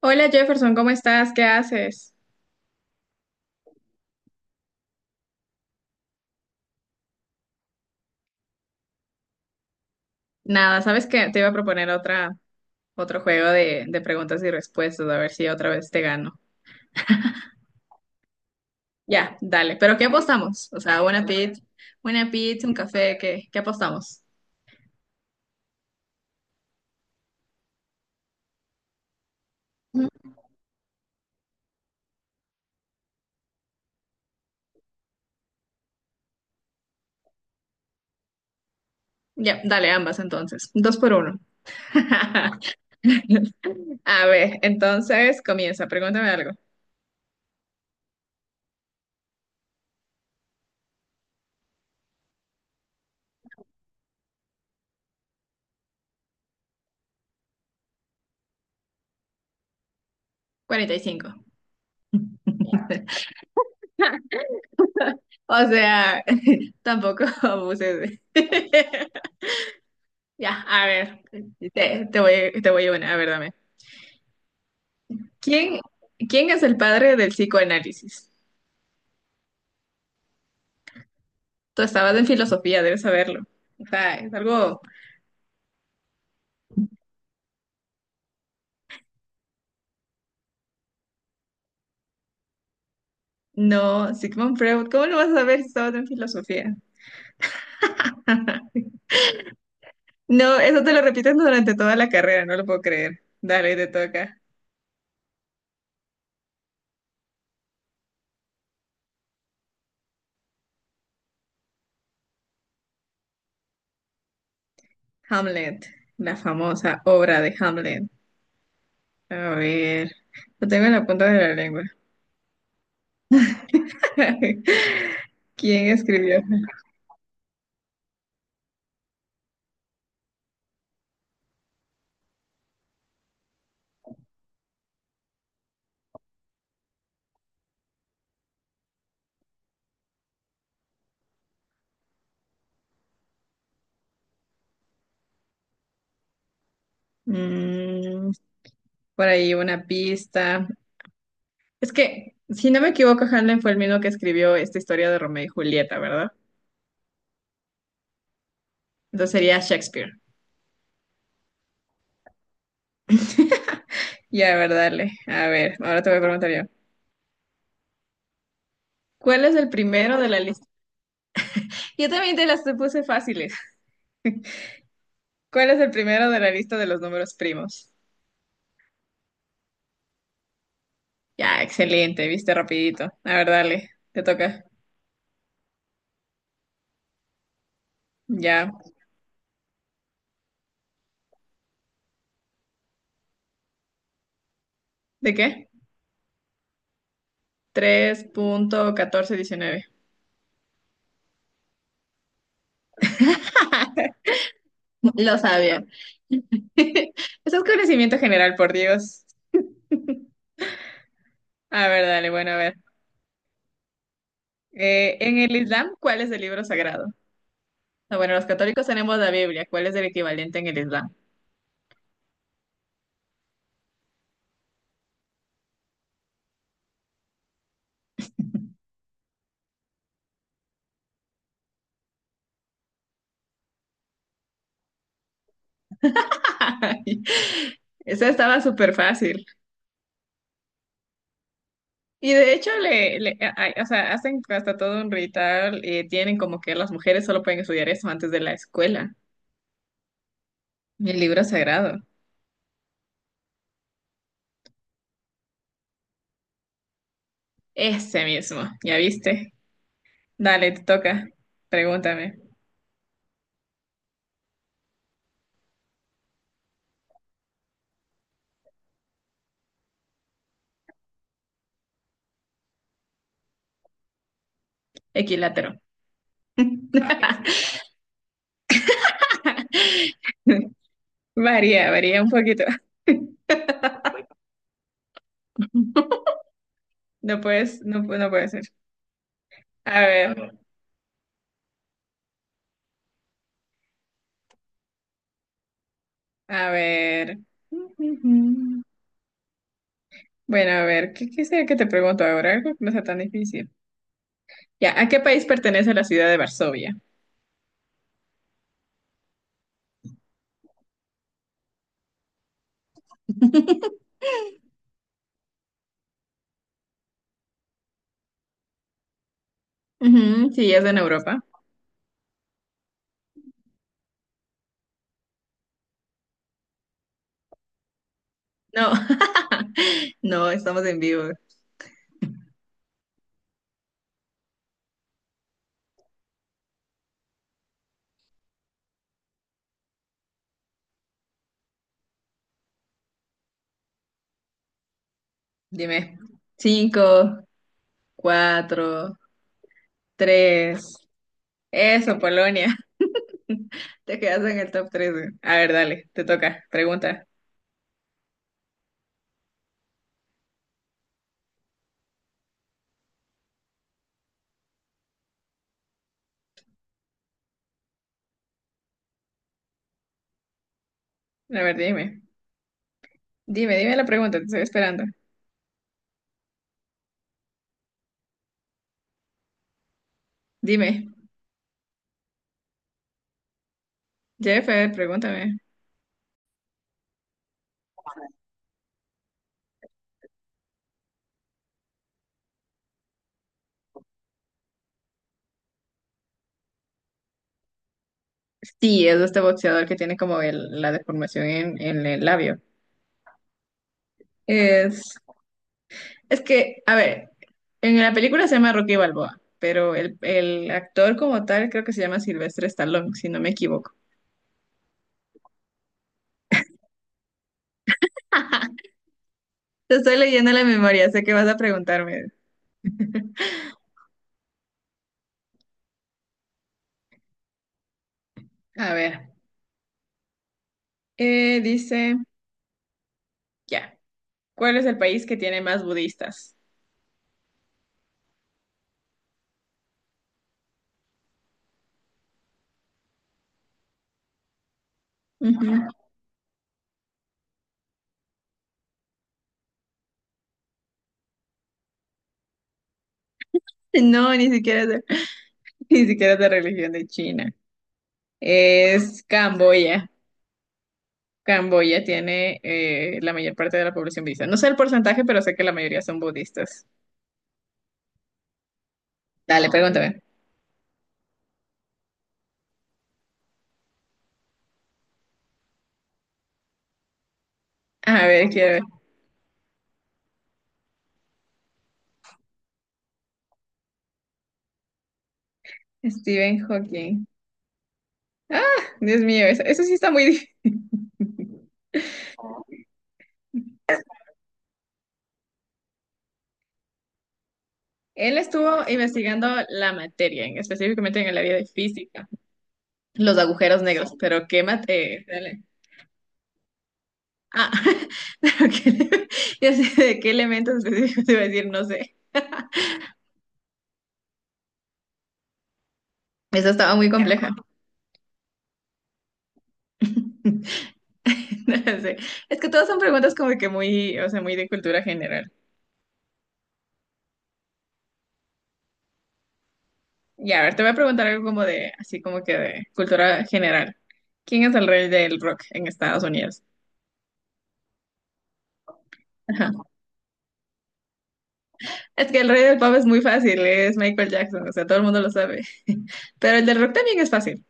Hola Jefferson, ¿cómo estás? ¿Qué haces? Nada, ¿sabes qué? Te iba a proponer otro juego de preguntas y respuestas, a ver si otra vez te gano. Ya, dale. ¿Pero qué apostamos? O sea, una pizza, un café, ¿qué apostamos? Ya, dale, ambas entonces. Dos por uno. A ver, entonces comienza, pregúntame algo. 45. O sea, tampoco abuses. Ya, a ver, te voy una, a ver, dame. ¿Quién, quién es el padre del psicoanálisis? Tú estabas en filosofía, debes saberlo. O sea, es algo... No, Sigmund Freud, ¿cómo lo vas a saber si estabas en filosofía? No, eso te lo repites durante toda la carrera, no lo puedo creer. Dale, te toca. Hamlet, la famosa obra de Hamlet. A ver, lo tengo en la punta de la lengua. ¿Quién escribió? Mm, por ahí una pista. Es que, si no me equivoco, Hanlon fue el mismo que escribió esta historia de Romeo y Julieta, ¿verdad? Entonces sería Shakespeare. Ya, a ver, dale. A ver, ahora te voy a preguntar yo. ¿Cuál es el primero de la lista? Yo también te las puse fáciles. ¿Cuál es el primero de la lista de los números primos? Ya, excelente, viste rapidito. A ver, dale, te toca. Ya. ¿De qué? 3.1419. Lo sabía. Eso es conocimiento general, por Dios. A ver, dale, bueno, a ver. En el Islam, ¿cuál es el libro sagrado? Ah, bueno, los católicos tenemos la Biblia. ¿Cuál es el equivalente en el Islam? Esa estaba súper fácil. Y de hecho, o sea, hacen hasta todo un ritual y tienen como que las mujeres solo pueden estudiar eso antes de la escuela. El libro sagrado. Ese mismo, ¿ya viste? Dale, te toca. Pregúntame. Equilátero. Varía, varía un poquito. No puedes, no puede ser. A ver. A ver. Bueno, a ver, ¿qué quisiera que te pregunto ahora? Algo que no sea tan difícil. Ya, ¿a qué país pertenece la ciudad de Varsovia? Ujú, sí, es en Europa. No, no, estamos en vivo. Dime. Cinco, cuatro, tres. Eso, Polonia. Te quedas en el top tres. A ver, dale, te toca. Pregunta. A ver, dime. Dime, dime la pregunta, te estoy esperando. Dime. Jeff, a ver, pregúntame. Sí, es de este boxeador que tiene como el- la deformación en el labio. Es, es que, a ver, en la película se llama Rocky Balboa, pero el actor como tal creo que se llama Silvestre Stallone, si no me equivoco. Te estoy leyendo la memoria, sé que vas a preguntarme. A ver, dice, ya, ¿cuál es el país que tiene más budistas? Ujú. No, ni siquiera es de, ni siquiera es de religión de China. Es Camboya. Camboya tiene la mayor parte de la población budista. No sé el porcentaje, pero sé que la mayoría son budistas. Dale, pregúntame. A ver, quiero ver. Stephen Hawking. Ah, Dios mío, eso sí está muy difícil. Él estuvo investigando la materia, específicamente en el área de física, los agujeros negros, pero qué materia. Dale. Ah, pero qué, ya sé de qué elementos específicos te iba a decir, no sé. Esa estaba muy compleja. No sé. Es que todas son preguntas como que muy, o sea, muy de cultura general. Ya, a ver, te voy a preguntar algo como de, así como que de cultura general. ¿Quién es el rey del rock en Estados Unidos? Ajá. Es que el rey del pop es muy fácil, es Michael Jackson, o sea, todo el mundo lo sabe. Pero el del rock también es fácil.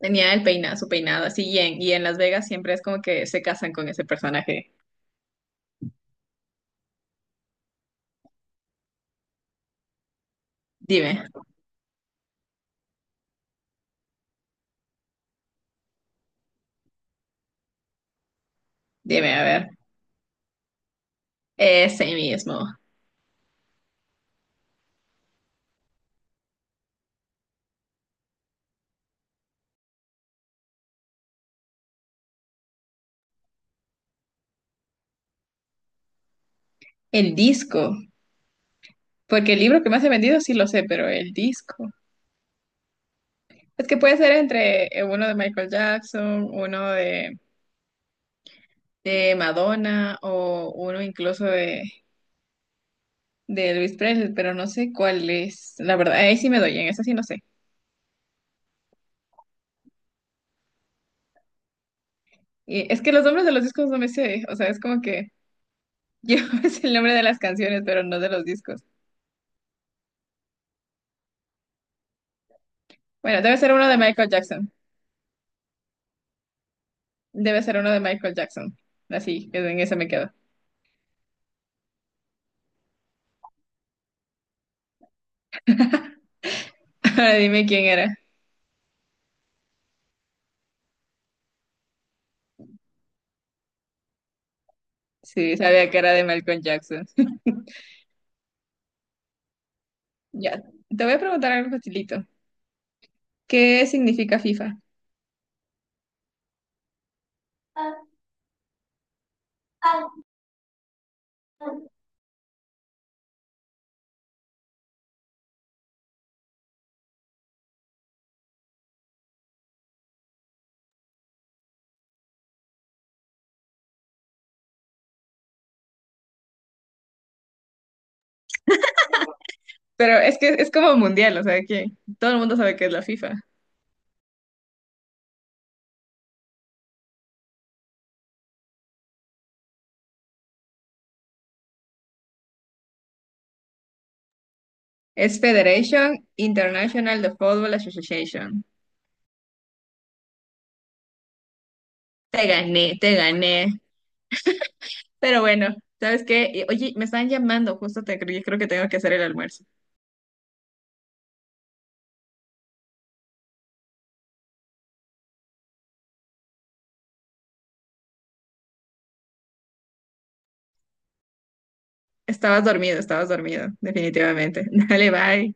Tenía el peinado, su peinado así, y en Las Vegas siempre es como que se casan con ese personaje. Dime, dime, a ver. Ese mismo. El disco, porque el libro que más he vendido sí lo sé, pero el disco. Es que puede ser entre uno de Michael Jackson, uno de Madonna o uno incluso de Elvis Presley, pero no sé cuál es. La verdad, ahí sí me doy, en esa sí no sé. Y es que los nombres de los discos no me sé, o sea, es como que yo es el nombre de las canciones, pero no de los discos. Bueno, debe ser uno de Michael Jackson. Debe ser uno de Michael Jackson. Así, en esa me quedo. Ahora dime quién era. Sí, sabía que era de Michael Jackson. Ya, te voy a preguntar algo facilito. ¿Qué significa FIFA? Pero es que es como mundial, o sea, que todo el mundo sabe que es la FIFA. Es Federation International de Football Association. Te gané, te gané. Pero bueno, ¿sabes qué? Y, oye, me están llamando, justo te creo que tengo que hacer el almuerzo. Estabas dormido, definitivamente. Dale, bye.